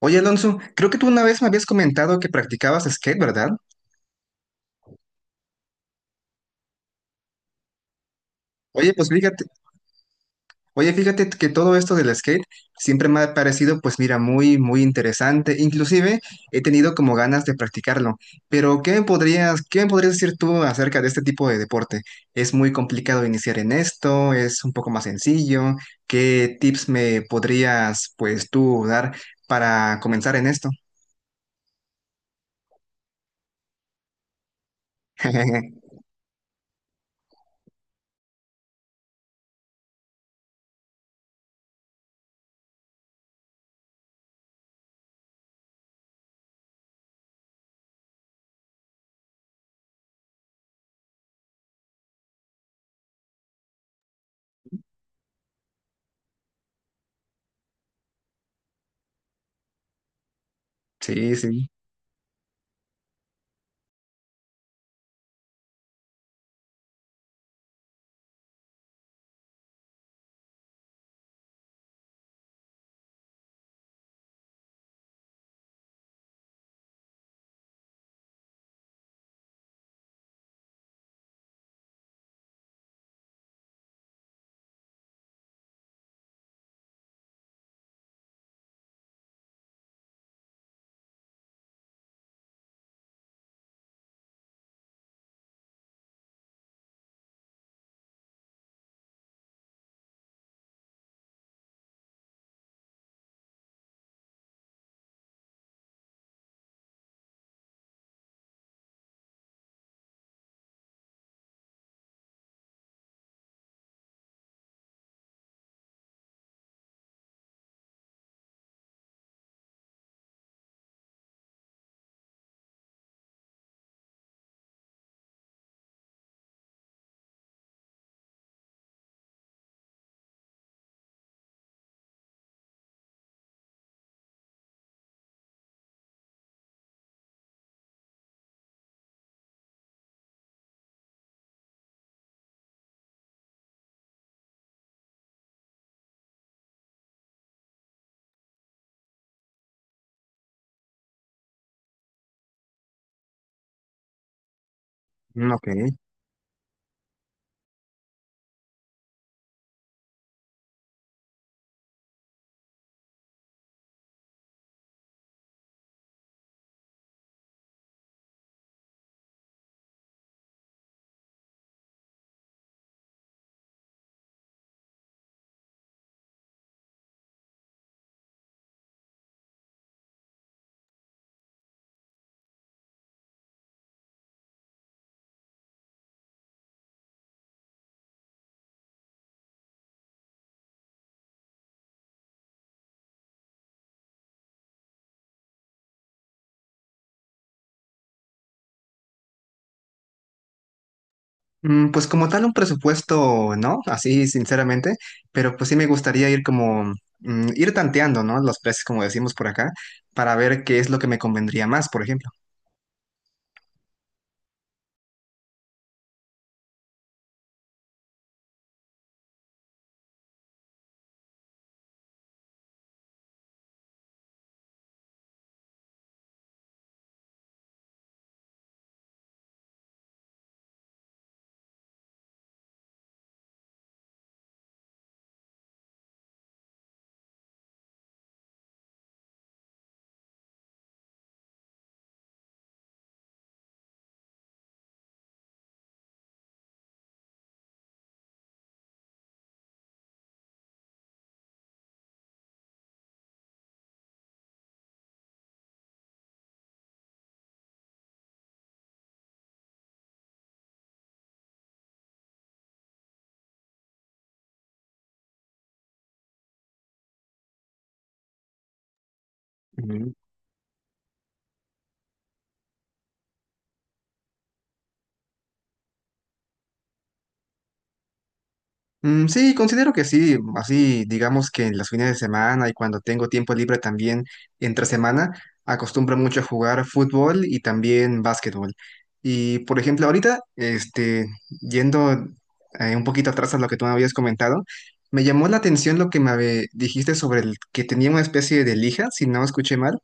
Oye, Alonso, creo que tú una vez me habías comentado que practicabas skate, ¿verdad? Oye, pues fíjate, oye, fíjate que todo esto del skate siempre me ha parecido, pues mira, muy, muy interesante. Inclusive he tenido como ganas de practicarlo. Pero, ¿qué me podrías decir tú acerca de este tipo de deporte? ¿Es muy complicado iniciar en esto? ¿Es un poco más sencillo? ¿Qué tips me podrías, pues tú, dar para comenzar en esto? Sí, sí. Ok. Pues como tal un presupuesto, ¿no? Así sinceramente, pero pues sí me gustaría ir como, ir tanteando, ¿no? Los precios, como decimos por acá, para ver qué es lo que me convendría más, por ejemplo. Sí, considero que sí, así digamos que en los fines de semana y cuando tengo tiempo libre también entre semana, acostumbro mucho a jugar fútbol y también básquetbol. Y por ejemplo, ahorita, yendo un poquito atrás a lo que tú me habías comentado, me llamó la atención lo que me habe- dijiste sobre el que tenía una especie de lija, si no escuché mal,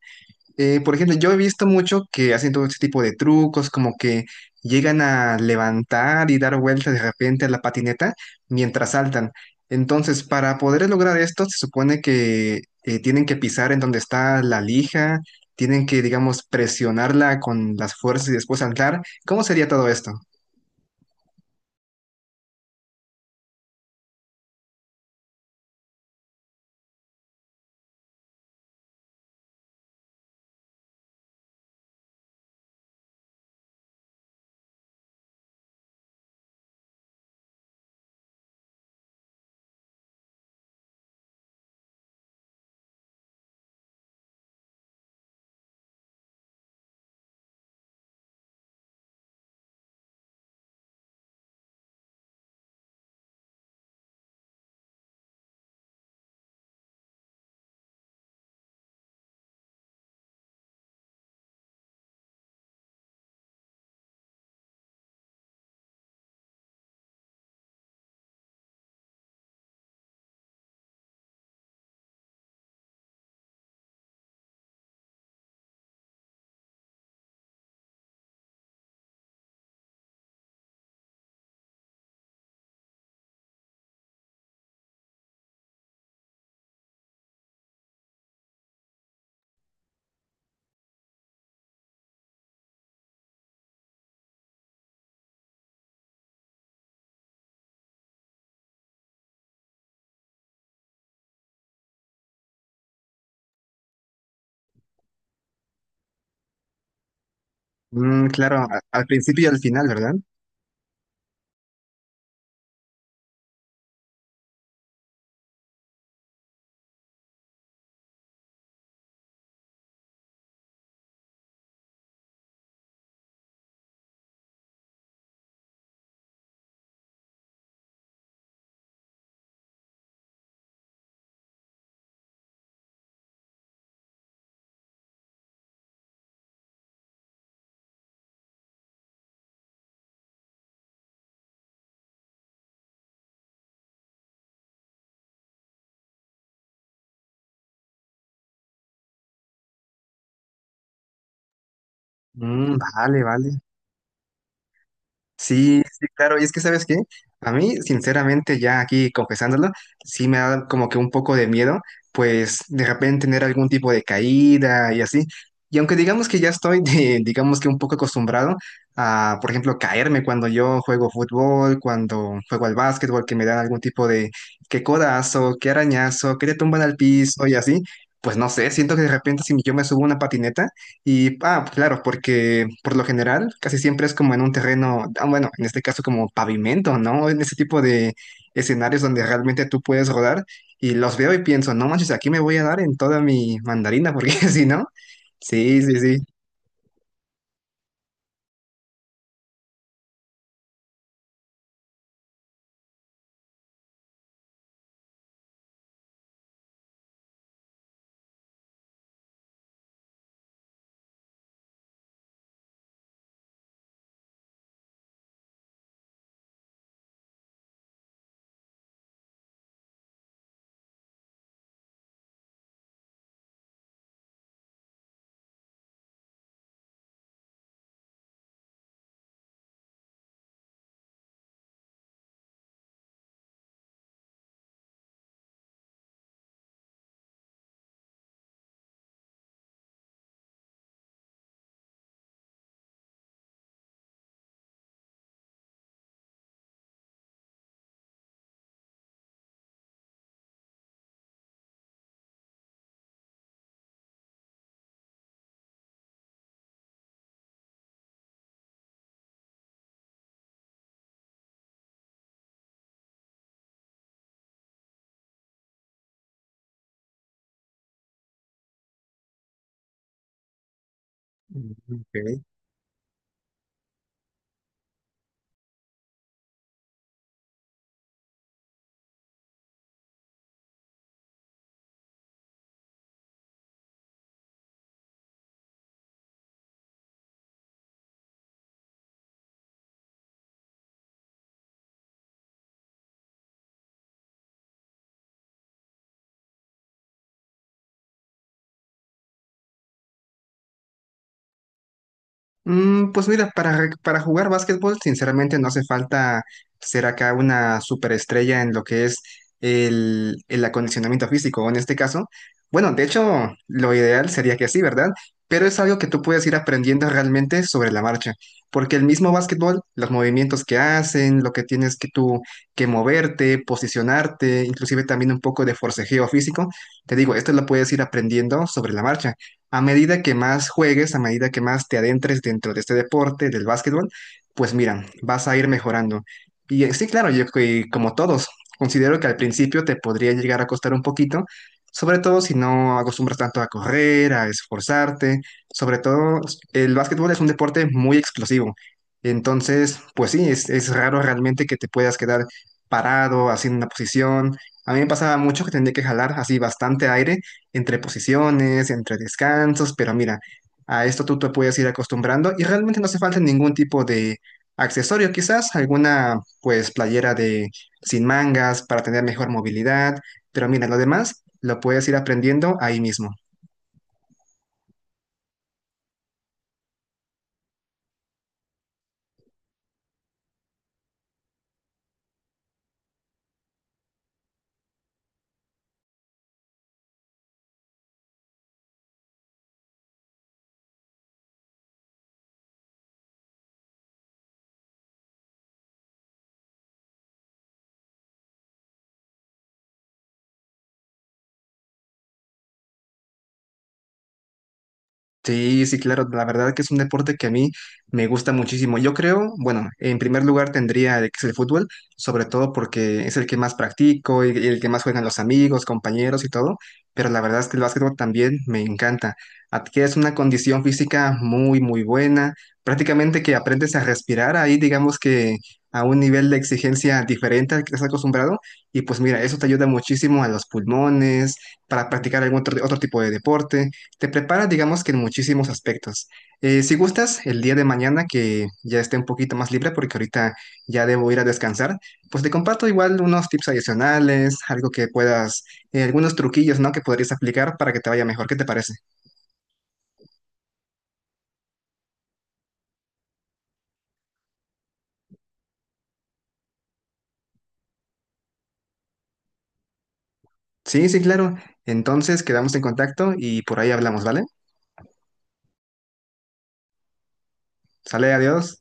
por ejemplo, yo he visto mucho que hacen todo ese tipo de trucos, como que llegan a levantar y dar vueltas de repente a la patineta mientras saltan. Entonces, para poder lograr esto, se supone que tienen que pisar en donde está la lija, tienen que, digamos, presionarla con las fuerzas y después saltar. ¿Cómo sería todo esto? Claro, a- al principio y al final, ¿verdad? Vale, vale. Sí, sí, claro. Y es que, ¿sabes qué? A mí, sinceramente, ya aquí confesándolo, sí me da como que un poco de miedo, pues de repente tener algún tipo de caída y así. Y aunque digamos que ya estoy, de- digamos que un poco acostumbrado a, por ejemplo, caerme cuando yo juego fútbol, cuando juego al básquetbol, que me dan algún tipo de que codazo, que arañazo, que te tumban al piso y así, pues no sé, siento que de repente si yo me subo a una patineta, y, ah, claro, porque por lo general casi siempre es como en un terreno, ah, bueno, en este caso como pavimento, ¿no? En ese tipo de escenarios donde realmente tú puedes rodar y los veo y pienso, no manches, aquí me voy a dar en toda mi mandarina, porque si no, sí, sí, sí. Mm, ok. Pues mira, re- para jugar básquetbol, sinceramente no hace falta ser acá una superestrella en lo que es el acondicionamiento físico, o en este caso. Bueno, de hecho, lo ideal sería que sí, ¿verdad? Pero es algo que tú puedes ir aprendiendo realmente sobre la marcha, porque el mismo básquetbol, los movimientos que hacen, lo que tienes que tú que moverte, posicionarte, inclusive también un poco de forcejeo físico, te digo, esto lo puedes ir aprendiendo sobre la marcha a medida que más juegues, a medida que más te adentres dentro de este deporte, del básquetbol, pues mira, vas a ir mejorando. Y sí, claro, yo que- como todos, considero que al principio te podría llegar a costar un poquito, sobre todo si no acostumbras tanto a correr, a esforzarte, sobre todo el básquetbol es un deporte muy explosivo. Entonces, pues sí, es raro realmente que te puedas quedar parado, haciendo una posición. A mí me pasaba mucho que tenía que jalar así bastante aire entre posiciones, entre descansos, pero mira, a esto tú te puedes ir acostumbrando y realmente no hace falta ningún tipo de accesorio, quizás alguna pues playera de sin mangas para tener mejor movilidad, pero mira, lo demás lo puedes ir aprendiendo ahí mismo. Sí, sí, claro, la verdad que es un deporte que a mí me gusta muchísimo. Yo creo, bueno, en primer lugar tendría el que es el fútbol, sobre todo porque es el que más practico y el que más juegan los amigos, compañeros y todo, pero la verdad es que el básquetbol también me encanta. Adquieres una condición física muy, muy buena, prácticamente que aprendes a respirar ahí, digamos que a un nivel de exigencia diferente al que estás acostumbrado, y pues mira, eso te ayuda muchísimo a los pulmones, para practicar algún otro tipo de deporte. Te prepara, digamos que en muchísimos aspectos. Si gustas, el día de mañana que ya esté un poquito más libre, porque ahorita ya debo ir a descansar, pues te comparto igual unos tips adicionales, algo que puedas, algunos truquillos, ¿no? Que podrías aplicar para que te vaya mejor. ¿Qué te parece? Sí, sí, claro. Entonces quedamos en contacto y por ahí hablamos, ¿vale? Sale, adiós.